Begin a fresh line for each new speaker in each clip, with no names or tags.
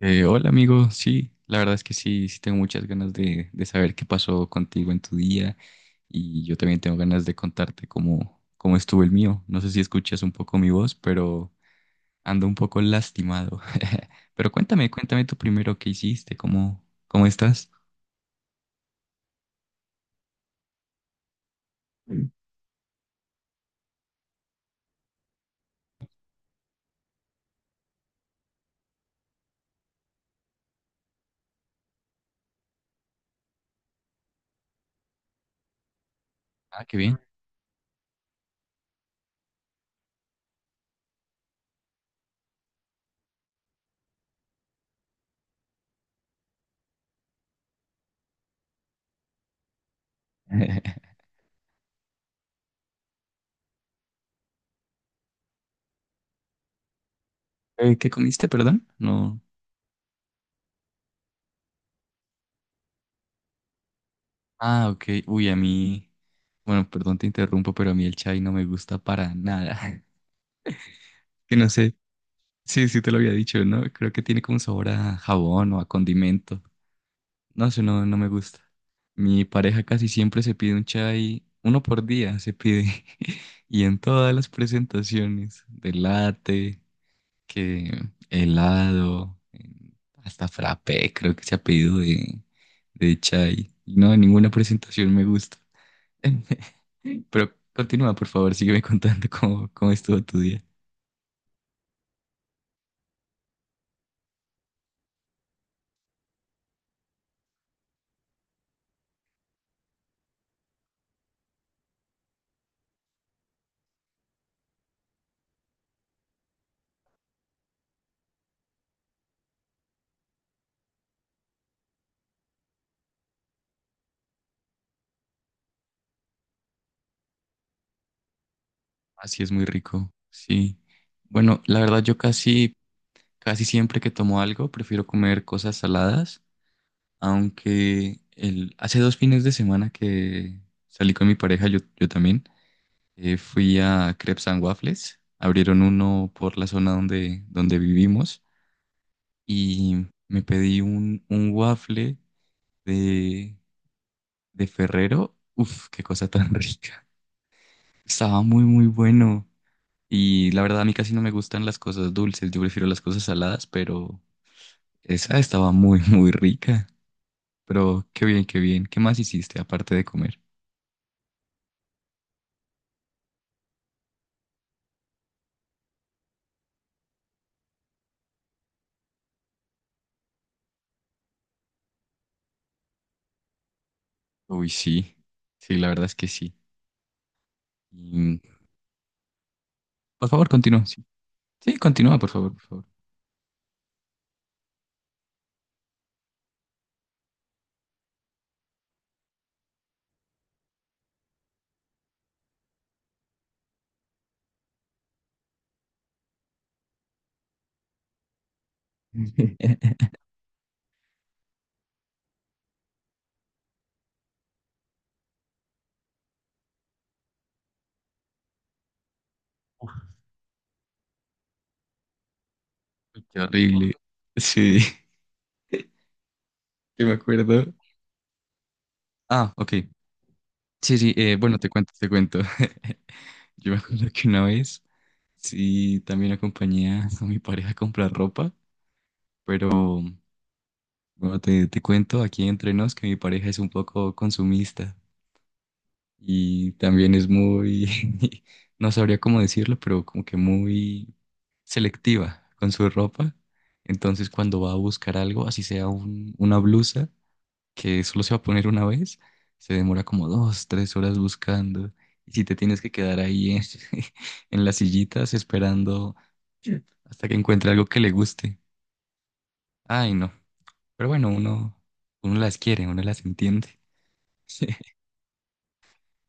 Hola amigo, sí, la verdad es que sí, sí tengo muchas ganas de saber qué pasó contigo en tu día y yo también tengo ganas de contarte cómo estuvo el mío. No sé si escuchas un poco mi voz, pero ando un poco lastimado. Pero cuéntame, cuéntame tú primero qué hiciste, cómo estás. Mm. Ah, qué bien. ¿Qué comiste, perdón? No. Ah, ok. Uy, a mí, bueno, perdón te interrumpo, pero a mí el chai no me gusta para nada. Que no sé. Sí, sí te lo había dicho, ¿no? Creo que tiene como sabor a jabón o a condimento. No sé, no, no me gusta. Mi pareja casi siempre se pide un chai, uno por día se pide. Y en todas las presentaciones, de latte, que helado, hasta frappé, creo que se ha pedido de chai. Y no, en ninguna presentación me gusta. Pero continúa, por favor, sígueme contando cómo estuvo tu día. Así es muy rico, sí. Bueno, la verdad yo casi siempre que tomo algo prefiero comer cosas saladas, aunque el, hace 2 fines de semana que salí con mi pareja, yo también, fui a Crepes and Waffles, abrieron uno por la zona donde vivimos y me pedí un waffle de, de Ferrero. Uf, qué cosa tan rica. Estaba muy, muy bueno. Y la verdad, a mí casi no me gustan las cosas dulces, yo prefiero las cosas saladas, pero esa estaba muy, muy rica. Pero qué bien, qué bien. ¿Qué más hiciste aparte de comer? Uy, sí, sí, la verdad es que sí. Y, por favor, continúa. Sí, sí, continúa, por favor, por favor. Uf, qué horrible. Sí, que me acuerdo. Ah, ok. Sí, bueno, te cuento, te cuento. Yo me acuerdo que una vez, sí, también acompañé a mi pareja a comprar ropa, pero... Bueno, te cuento aquí entre nos que mi pareja es un poco consumista y también es muy, no sabría cómo decirlo, pero como que muy selectiva con su ropa. Entonces cuando va a buscar algo, así sea una blusa que solo se va a poner una vez, se demora como 2, 3 horas buscando. Y si te tienes que quedar ahí en, en las sillitas esperando hasta que encuentre algo que le guste. Ay, no. Pero bueno, uno las quiere, uno las entiende.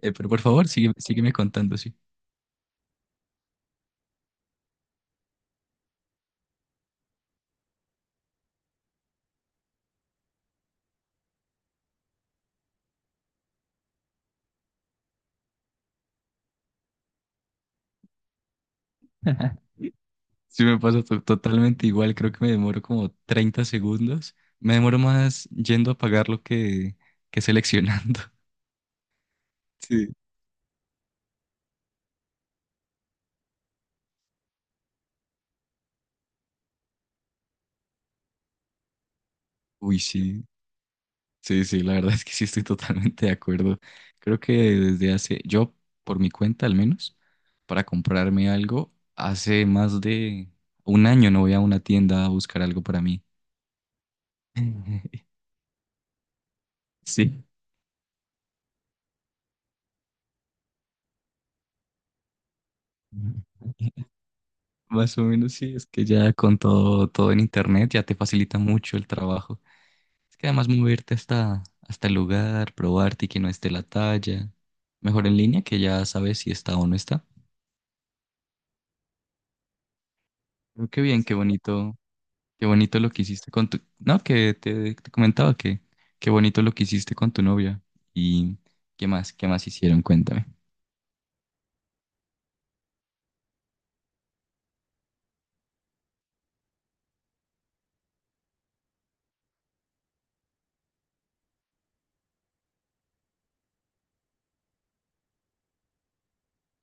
Pero por favor, sigue, sígueme contando, sí. Sí me pasa totalmente igual, creo que me demoro como 30 segundos. Me demoro más yendo a pagarlo que seleccionando. Sí. Uy, sí, sí, sí, la verdad es que sí estoy totalmente de acuerdo. Creo que desde hace, yo por mi cuenta al menos, para comprarme algo, hace más de un año no voy a una tienda a buscar algo para mí. Sí. Más o menos sí, es que ya con todo en internet ya te facilita mucho el trabajo. Es que además moverte hasta el lugar, probarte y que no esté la talla. Mejor en línea que ya sabes si está o no está. Pero qué bien, qué sí, bonito, qué bonito lo que hiciste con tu... No, que te comentaba que qué bonito lo que hiciste con tu novia. ¿Y qué más? ¿Qué más hicieron? Cuéntame.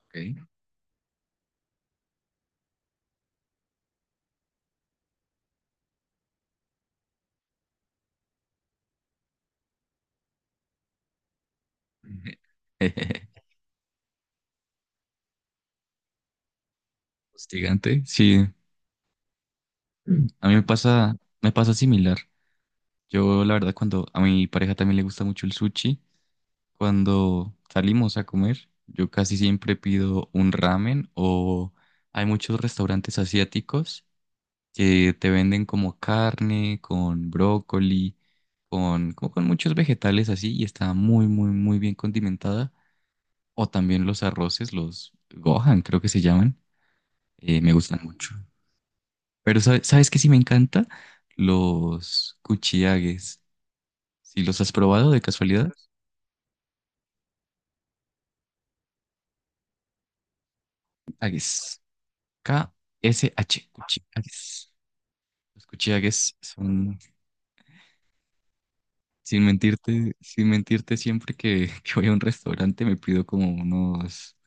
Okay. Hostigante. Sí, a mí me pasa similar. Yo, la verdad, cuando a mi pareja también le gusta mucho el sushi, cuando salimos a comer, yo casi siempre pido un ramen o hay muchos restaurantes asiáticos que te venden como carne, con brócoli, con, como con muchos vegetales así y está muy, muy, muy bien condimentada. O también los arroces, los gohan, creo que se llaman, me gustan mucho. Pero ¿sabes qué sí me encanta? Los kuchiagues. ¿Si los has probado de casualidad? Agues. K-S-H. Cuchiagues. Los cuchiagues son, sin mentirte, sin mentirte, siempre que, que voy a un restaurante me pido como unos,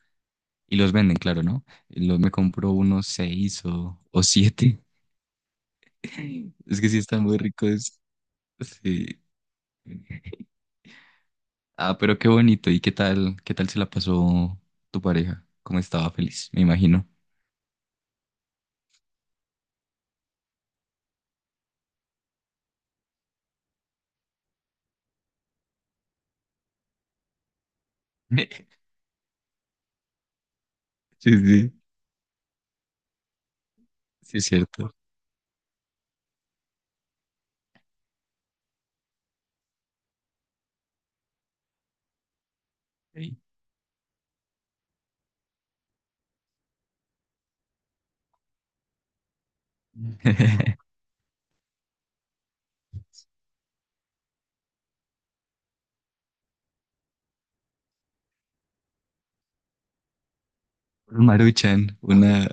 y los venden, claro, ¿no? Y los, me compro unos seis o siete. Es que sí están muy ricos. Sí. Ah, pero qué bonito. ¿Y qué tal se la pasó tu pareja? ¿Cómo estaba feliz? Me imagino. Sí, sí, sí, es cierto. Sí. Un Maruchan, una,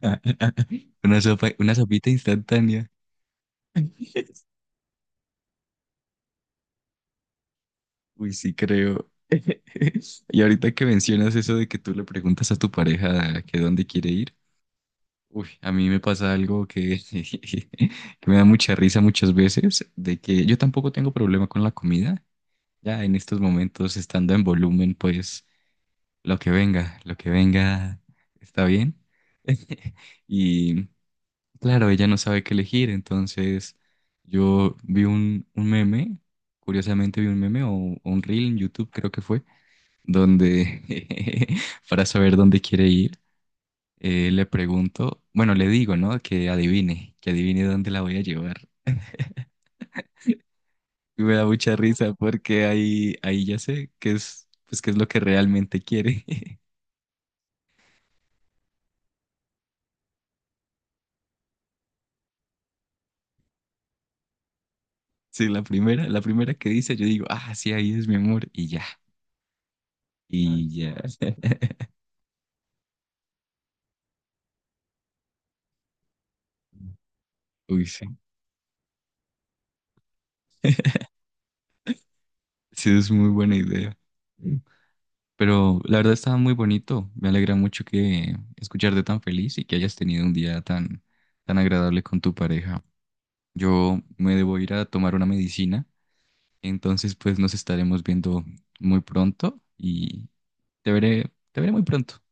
una sopa, una sopita instantánea. Uy, sí creo. Y ahorita que mencionas eso de que tú le preguntas a tu pareja que dónde quiere ir, uy, a mí me pasa algo que, que me da mucha risa muchas veces, de que yo tampoco tengo problema con la comida. Ya en estos momentos, estando en volumen, pues lo que venga está bien. Y claro, ella no sabe qué elegir, entonces yo vi un meme, curiosamente vi un meme o un reel en YouTube creo que fue, donde para saber dónde quiere ir, le pregunto, bueno, le digo, ¿no? Que adivine dónde la voy a llevar. Y me da mucha risa porque ahí ya sé qué es, pues, qué es lo que realmente quiere. Sí, la primera que dice, yo digo, ah, sí, ahí es mi amor, y ya, y ya. Uy, sí. Sí, es muy buena idea. Pero la verdad estaba muy bonito. Me alegra mucho que escucharte tan feliz y que hayas tenido un día tan agradable con tu pareja. Yo me debo ir a tomar una medicina, entonces pues nos estaremos viendo muy pronto y te veré muy pronto.